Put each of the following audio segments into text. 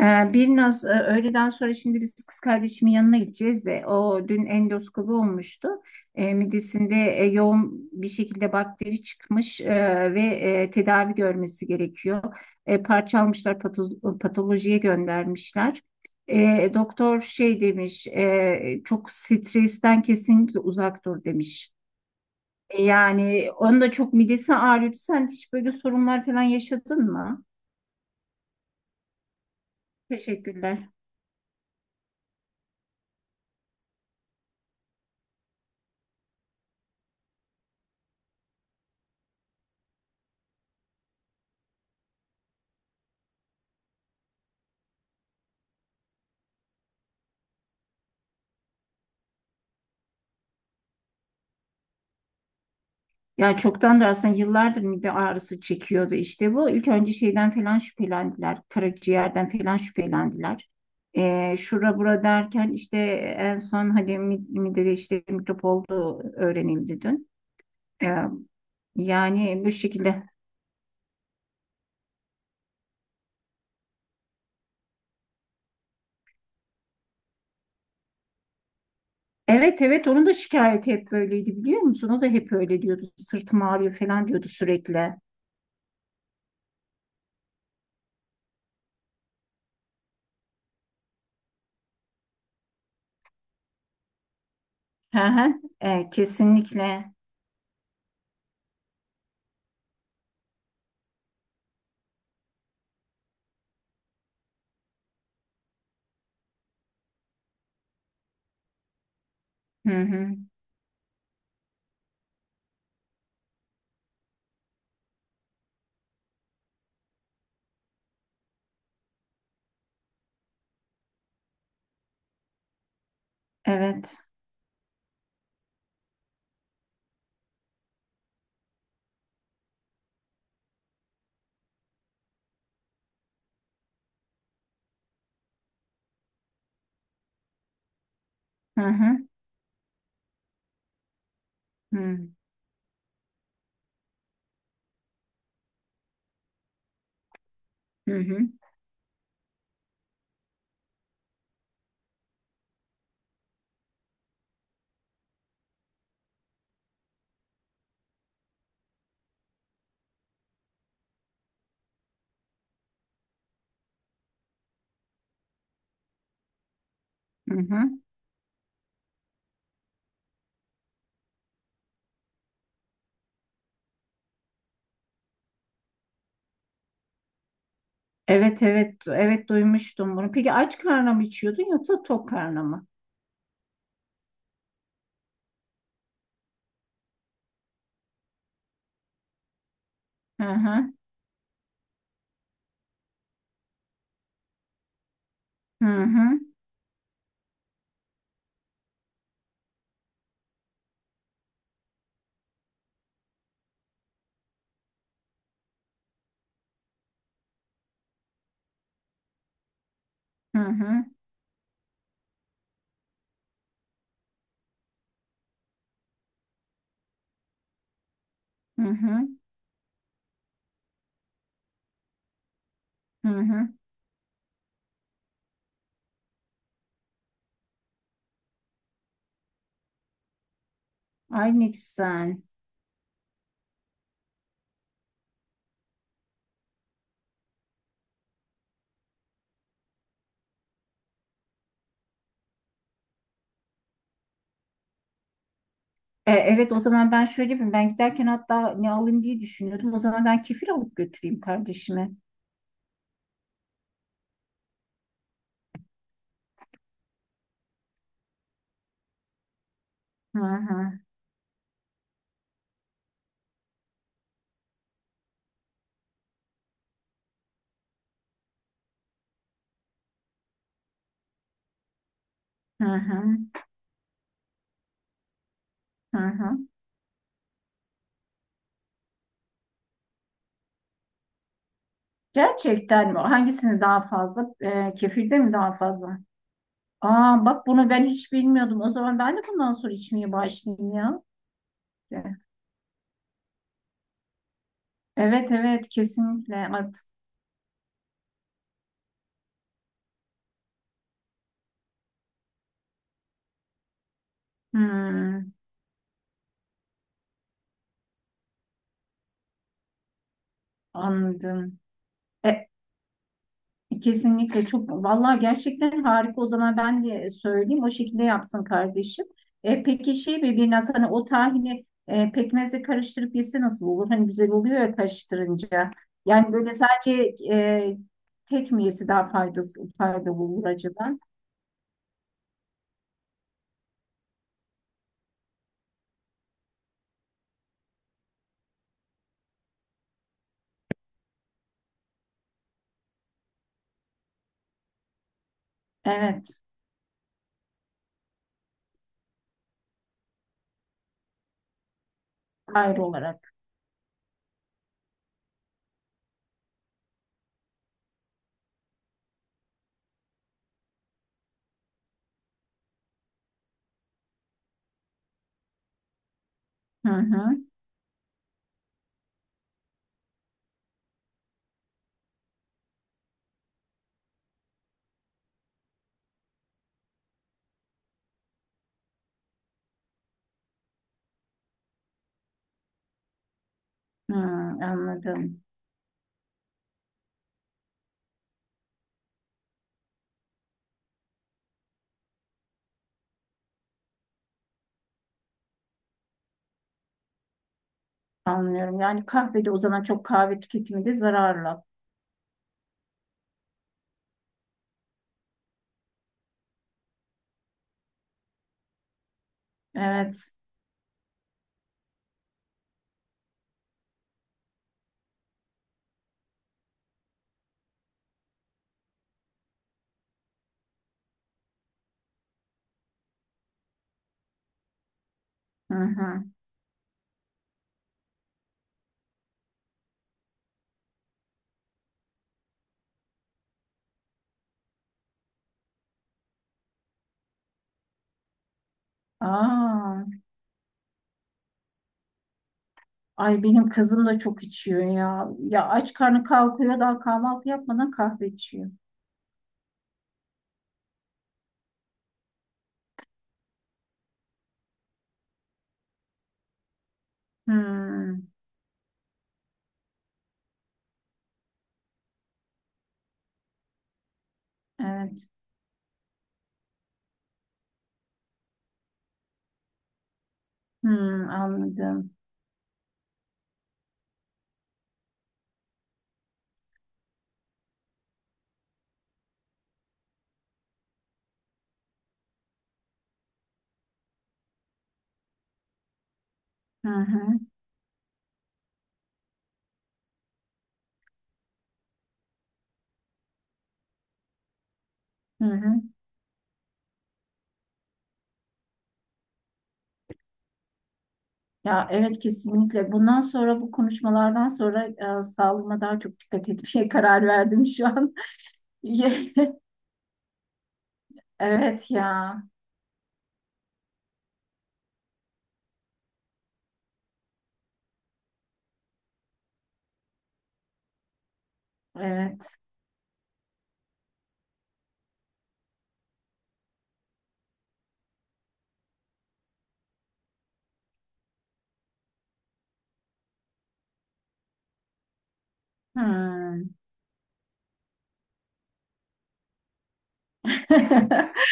Bir naz öğleden sonra şimdi biz kız kardeşimin yanına gideceğiz. O dün endoskopi olmuştu. Midesinde yoğun bir şekilde bakteri çıkmış ve tedavi görmesi gerekiyor. Parçalmışlar patolojiye göndermişler. Doktor şey demiş, çok stresten kesinlikle uzak dur demiş. Yani onun da çok midesi ağrıyor. Sen hiç böyle sorunlar falan yaşadın mı? Teşekkürler. Ya çoktandır aslında yıllardır mide ağrısı çekiyordu işte bu. İlk önce şeyden falan şüphelendiler. Karaciğerden falan şüphelendiler. Şura bura derken işte en son hani midede işte mikrop olduğu öğrenildi dün. Ee, yani bu şekilde. Evet evet, onun da şikayeti hep böyleydi, biliyor musun? O da hep öyle diyordu. Sırtım ağrıyor falan diyordu sürekli. Hı hı. Kesinlikle. Hı hı. Evet. Hı hı. Hı hı. Hı hı. Hı hı. Evet evet evet, duymuştum bunu. Peki aç karnına mı içiyordun yoksa tok karnına mı? Hı hı, hı hı, hı hı, hı hı. Hı hı. Ay ne güzel. Evet, o zaman ben şöyle yapayım. Ben giderken hatta ne alayım diye düşünüyordum. O zaman ben kefir alıp götüreyim kardeşime. Hı hı, hı hı, hı. Hı. Gerçekten mi? Hangisini daha fazla? Kefirde mi daha fazla? Aa bak, bunu ben hiç bilmiyordum. O zaman ben de bundan sonra içmeye başlayayım ya. Evet evet, kesinlikle. Hmm, anladım. E, Kesinlikle çok, vallahi gerçekten harika. O zaman ben de söyleyeyim, o şekilde yapsın kardeşim. Peki şey mi, bir nasıl, hani o tahini pekmezle karıştırıp yese nasıl olur? Hani güzel oluyor ya karıştırınca. Yani böyle sadece tek mi yesi daha faydalı olur acaba? Evet, ayrı olarak. Hı hı. Hı, anladım. Anlıyorum. Yani kahvede o zaman, çok kahve tüketimi de zararlı. Evet. Hı hı. Aa, ay benim kızım da çok içiyor ya. Ya aç karnı kalkıyor, daha kahvaltı yapmadan kahve içiyor. Hmm, evet. Hmm, anladım. Hı hı. Hı hı. Ya evet, kesinlikle. Bundan sonra bu konuşmalardan sonra sağlığıma daha çok dikkat etmeye karar verdim şu an. Evet ya. Evet. Hmm.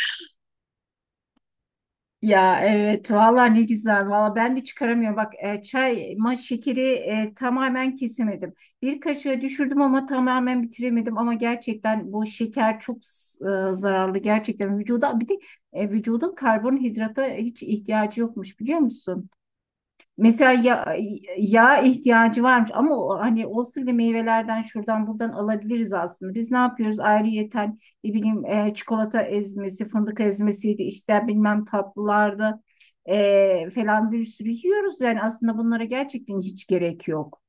Ya evet valla, ne güzel valla. Ben de çıkaramıyorum bak, çay ma şekeri tamamen kesemedim, bir kaşığa düşürdüm ama tamamen bitiremedim. Ama gerçekten bu şeker çok zararlı gerçekten vücuda. Bir de vücudun karbonhidrata hiç ihtiyacı yokmuş, biliyor musun? Mesela ya, yağ ihtiyacı varmış ama o, hani olsun bile, meyvelerden şuradan buradan alabiliriz aslında. Biz ne yapıyoruz? Ayrıyeten ne bileyim, çikolata ezmesi, fındık ezmesiydi, işte bilmem tatlılarda falan bir sürü yiyoruz. Yani aslında bunlara gerçekten hiç gerek yok.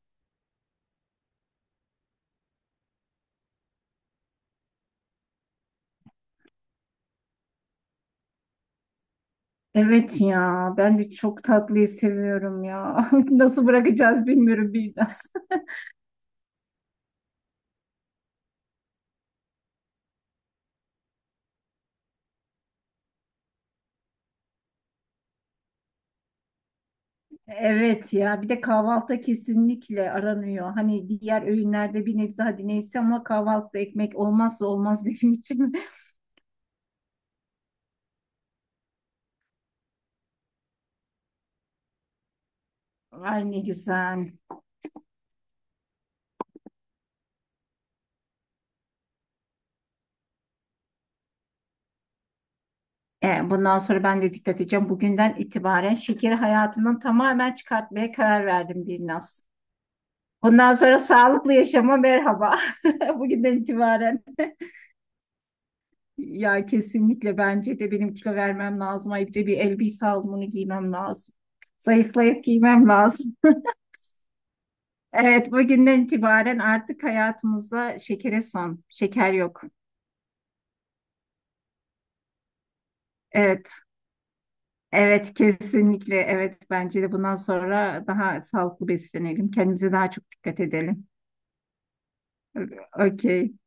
Evet ya, ben de çok tatlıyı seviyorum ya. Nasıl bırakacağız bilmiyorum biraz. Evet ya, bir de kahvaltıda kesinlikle aranıyor. Hani diğer öğünlerde bir nebze hadi neyse, ama kahvaltıda ekmek olmazsa olmaz benim için. Ay ne güzel. Bundan sonra ben de dikkat edeceğim. Bugünden itibaren şekeri hayatımdan tamamen çıkartmaya karar verdim, Birnaz. Bundan sonra sağlıklı yaşama merhaba. Bugünden itibaren. Ya kesinlikle, bence de benim kilo vermem lazım. Ay bir de bir elbise alımını giymem lazım. Zayıflayıp giymem lazım. Evet, bugünden itibaren artık hayatımızda şekere son, şeker yok. Evet, evet kesinlikle, evet bence de bundan sonra daha sağlıklı beslenelim, kendimize daha çok dikkat edelim. Okey.